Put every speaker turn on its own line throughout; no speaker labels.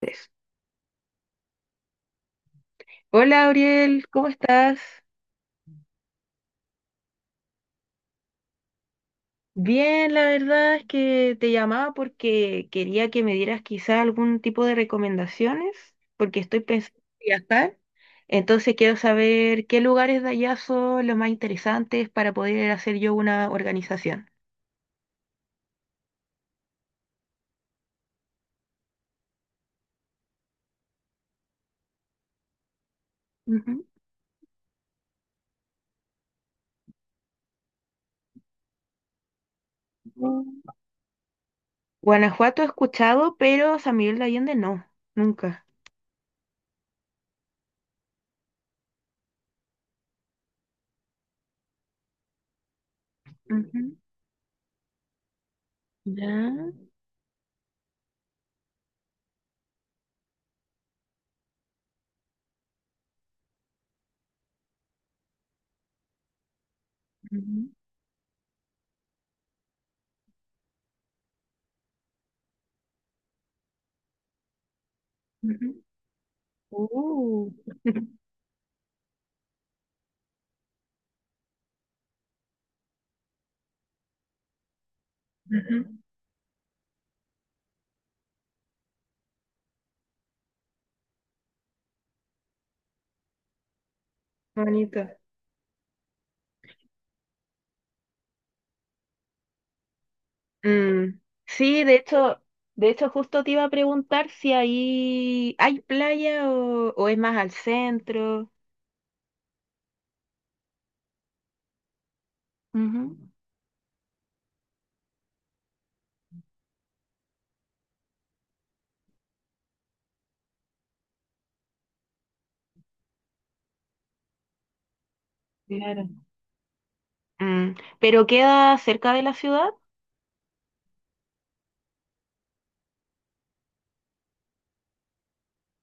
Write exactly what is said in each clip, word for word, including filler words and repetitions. Tres. Hola, Auriel, ¿cómo estás? Bien, la verdad es que te llamaba porque quería que me dieras quizá algún tipo de recomendaciones, porque estoy pensando en viajar. Entonces quiero saber qué lugares de allá son los más interesantes para poder hacer yo una organización. Ujú. Mm. Guanajuato he escuchado, pero San Miguel de Allende no, nunca. Ujú. Ya. Ujú. Ujú. Uh. Ujú. Bonito. Mm, sí, de hecho, de hecho justo te iba a preguntar si ahí hay playa o, o es más al centro. Ujú. Claro. Mm, pero queda cerca de la ciudad.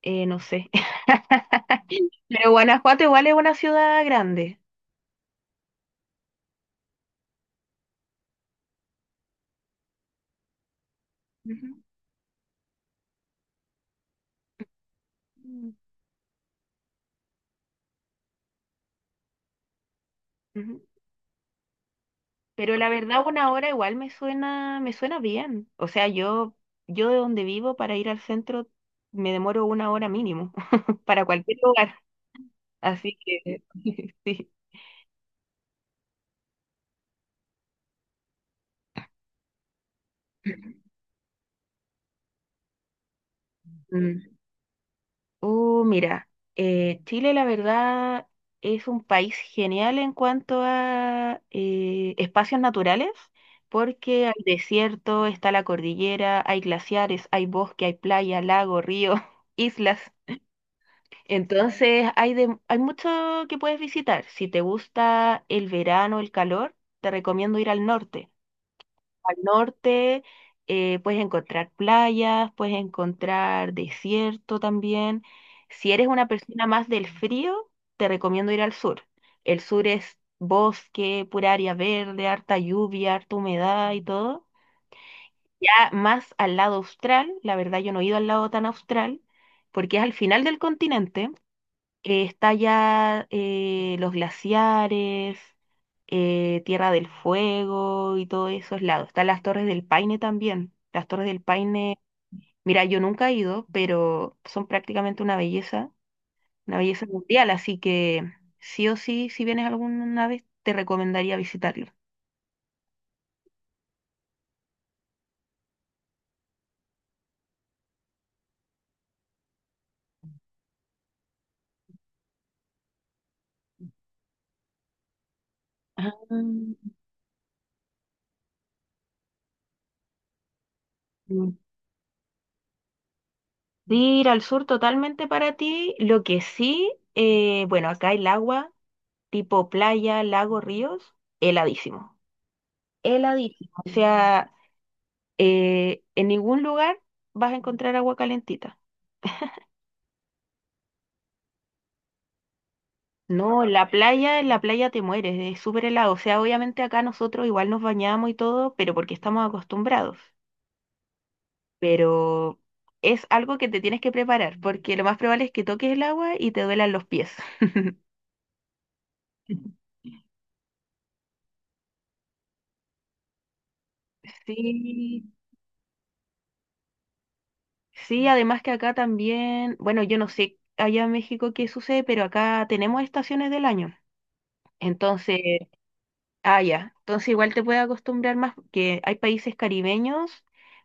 Eh, no sé. Pero Guanajuato igual es una ciudad grande. Ujú. Mm, ujú. Pero la verdad una hora igual me suena, me suena bien. O sea, yo, yo de donde vivo para ir al centro me demoro una hora mínimo para cualquier lugar. Así que, sí. Mm. Uh, mira, eh, Chile la verdad es un país genial en cuanto a eh, espacios naturales, porque hay desierto, está la cordillera, hay glaciares, hay bosque, hay playa, lago, río, islas. Entonces hay, de- hay mucho que puedes visitar. Si te gusta el verano, el calor, te recomiendo ir al norte. Al norte, eh, puedes encontrar playas, puedes encontrar desierto también. Si eres una persona más del frío, te recomiendo ir al sur. El sur es bosque, pura área verde, harta lluvia, harta humedad y todo. Ya más al lado austral, la verdad yo no he ido al lado tan austral, porque es al final del continente, eh, está ya eh, los glaciares, eh, Tierra del Fuego y todos esos lados. Están las Torres del Paine también. Las Torres del Paine, mira, yo nunca he ido, pero son prácticamente una belleza, una belleza mundial, así que sí o sí, si vienes alguna vez, te recomendaría visitarlo. Ah, mm. Sí, ir al sur totalmente para ti. Lo que sí, eh, bueno, acá el agua, tipo playa, lago, ríos, heladísimo. Él. O sea, eh, en ningún lugar vas a encontrar agua calentita. No, la playa, en la playa te mueres, es súper helado. O sea, obviamente acá nosotros igual nos bañamos y todo, pero porque estamos acostumbrados. Pero es algo que te tienes que preparar, porque lo más probable es que toques el agua y te duelan los pies. Sí, sí, además que acá también, bueno, yo no sé allá en México qué sucede, pero acá tenemos estaciones del año. Entonces, ah, ya. Entonces igual te puedes acostumbrar más, que hay países caribeños,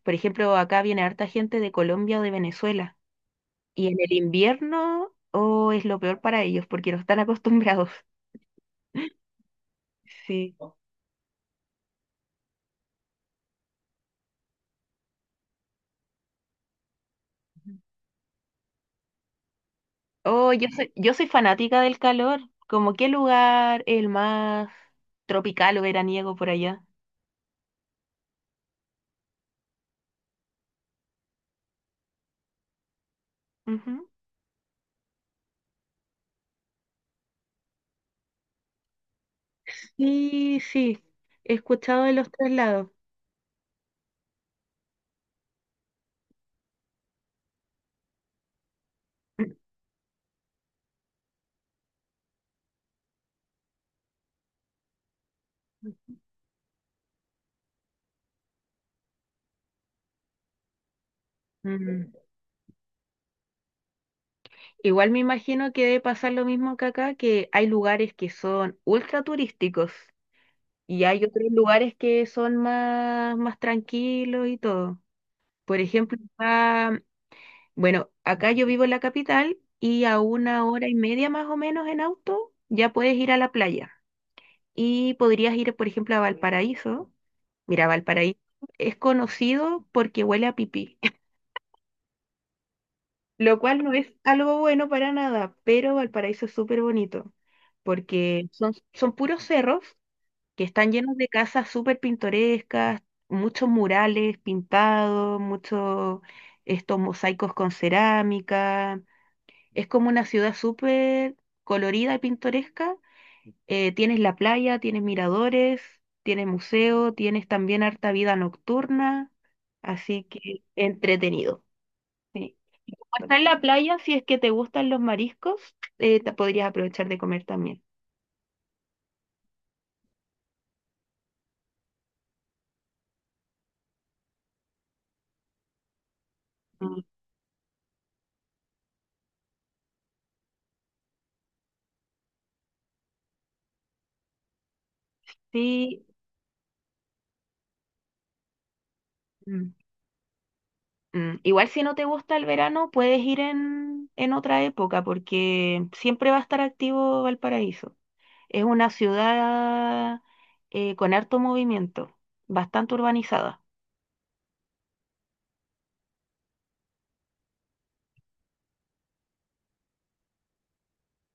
por ejemplo, acá viene harta gente de Colombia o de Venezuela, y en el invierno, oh, es lo peor para ellos, porque no están acostumbrados. Sí. Oh, yo soy, yo soy fanática del calor. ¿Como qué lugar es el más tropical o veraniego por allá? Ujú. Sí, sí, he escuchado de los traslados. Mm. Igual me imagino que debe pasar lo mismo que acá, que hay lugares que son ultra turísticos y hay otros lugares que son más, más tranquilos y todo. Por ejemplo, acá, bueno, acá yo vivo en la capital y a una hora y media más o menos en auto ya puedes ir a la playa. Y podrías ir, por ejemplo, a Valparaíso. Mira, Valparaíso es conocido porque huele a pipí, lo cual no es algo bueno para nada, pero Valparaíso es súper bonito, porque son, son puros cerros que están llenos de casas súper pintorescas, muchos murales pintados, muchos estos mosaicos con cerámica. Es como una ciudad súper colorida y pintoresca. Eh, tienes la playa, tienes miradores, tienes museo, tienes también harta vida nocturna, así que entretenido. Sí. Y como está en la playa, si es que te gustan los mariscos, eh, te podrías aprovechar de comer también. Mm, sí. Mm, mm. Igual si no te gusta el verano, puedes ir en, en otra época, porque siempre va a estar activo Valparaíso. Es una ciudad eh, con harto movimiento, bastante urbanizada.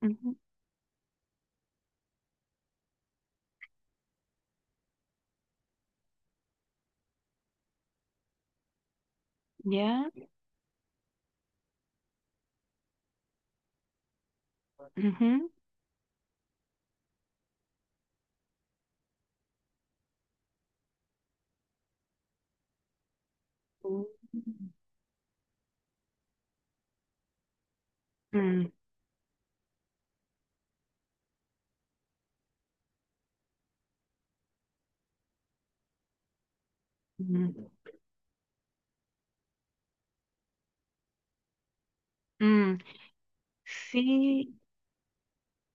Ujú, ¿ya? Ujú. Mm, mm, mm. Mm, sí.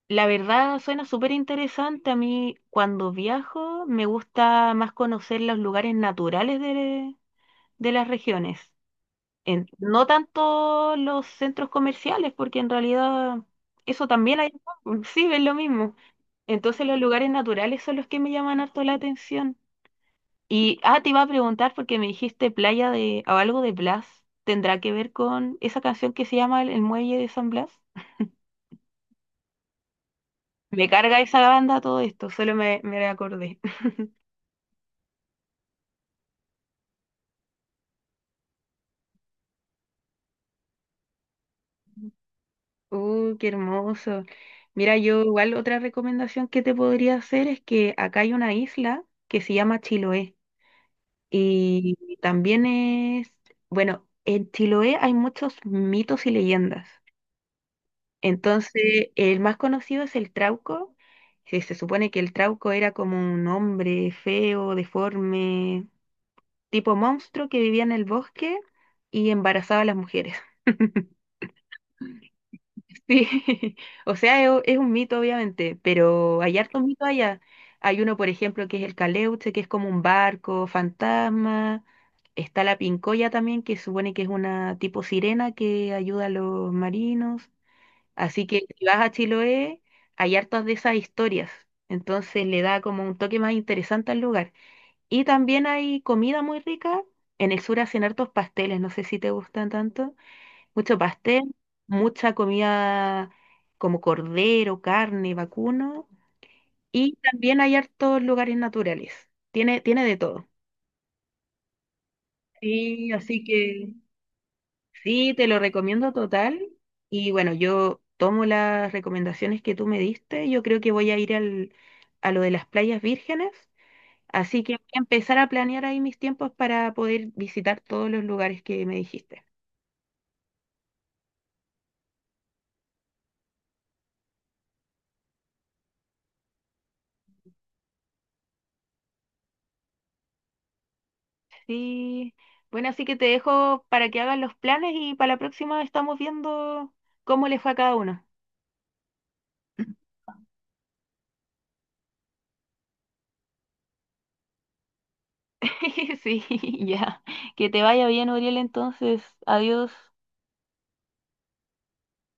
La verdad suena súper interesante. A mí cuando viajo me gusta más conocer los lugares naturales de, de las regiones. En- no tanto los centros comerciales, porque en realidad eso también hay, sí, es lo mismo. Entonces los lugares naturales son los que me llaman harto la atención. Y, ah, te iba a preguntar porque me dijiste playa de, o algo de Blas. ¿Tendrá que ver con esa canción que se llama El, el Muelle de San Blas? Me carga esa banda todo esto, solo me, me acordé. Uh, qué hermoso. Mira, yo igual otra recomendación que te podría hacer es que acá hay una isla que se llama Chiloé y también es, bueno, en Chiloé hay muchos mitos y leyendas. Entonces, el más conocido es el Trauco, que se supone que el Trauco era como un hombre feo, deforme, tipo monstruo que vivía en el bosque y embarazaba a las mujeres. Sí, o sea, es, u- es un mito obviamente, pero hay hartos mitos allá. Hay uno, por ejemplo, que es el Caleuche, que es como un barco fantasma. Está la Pincoya también, que supone que es una tipo sirena que ayuda a los marinos. Así que si vas a Chiloé, hay hartas de esas historias. Entonces le da como un toque más interesante al lugar. Y también hay comida muy rica. En el sur hacen hartos pasteles, no sé si te gustan tanto. Mucho pastel, mucha comida como cordero, carne, vacuno y también hay hartos lugares naturales. Tiene, tiene de todo. Sí, así que sí, te lo recomiendo total. Y bueno, yo tomo las recomendaciones que tú me diste. Yo creo que voy a ir al, a lo de las playas vírgenes. Así que voy a empezar a planear ahí mis tiempos para poder visitar todos los lugares que me dijiste. Sí. Bueno, así que te dejo para que hagan los planes y para la próxima estamos viendo cómo le fue a cada uno. Sí, ya. Que te vaya bien, Uriel, entonces. Adiós.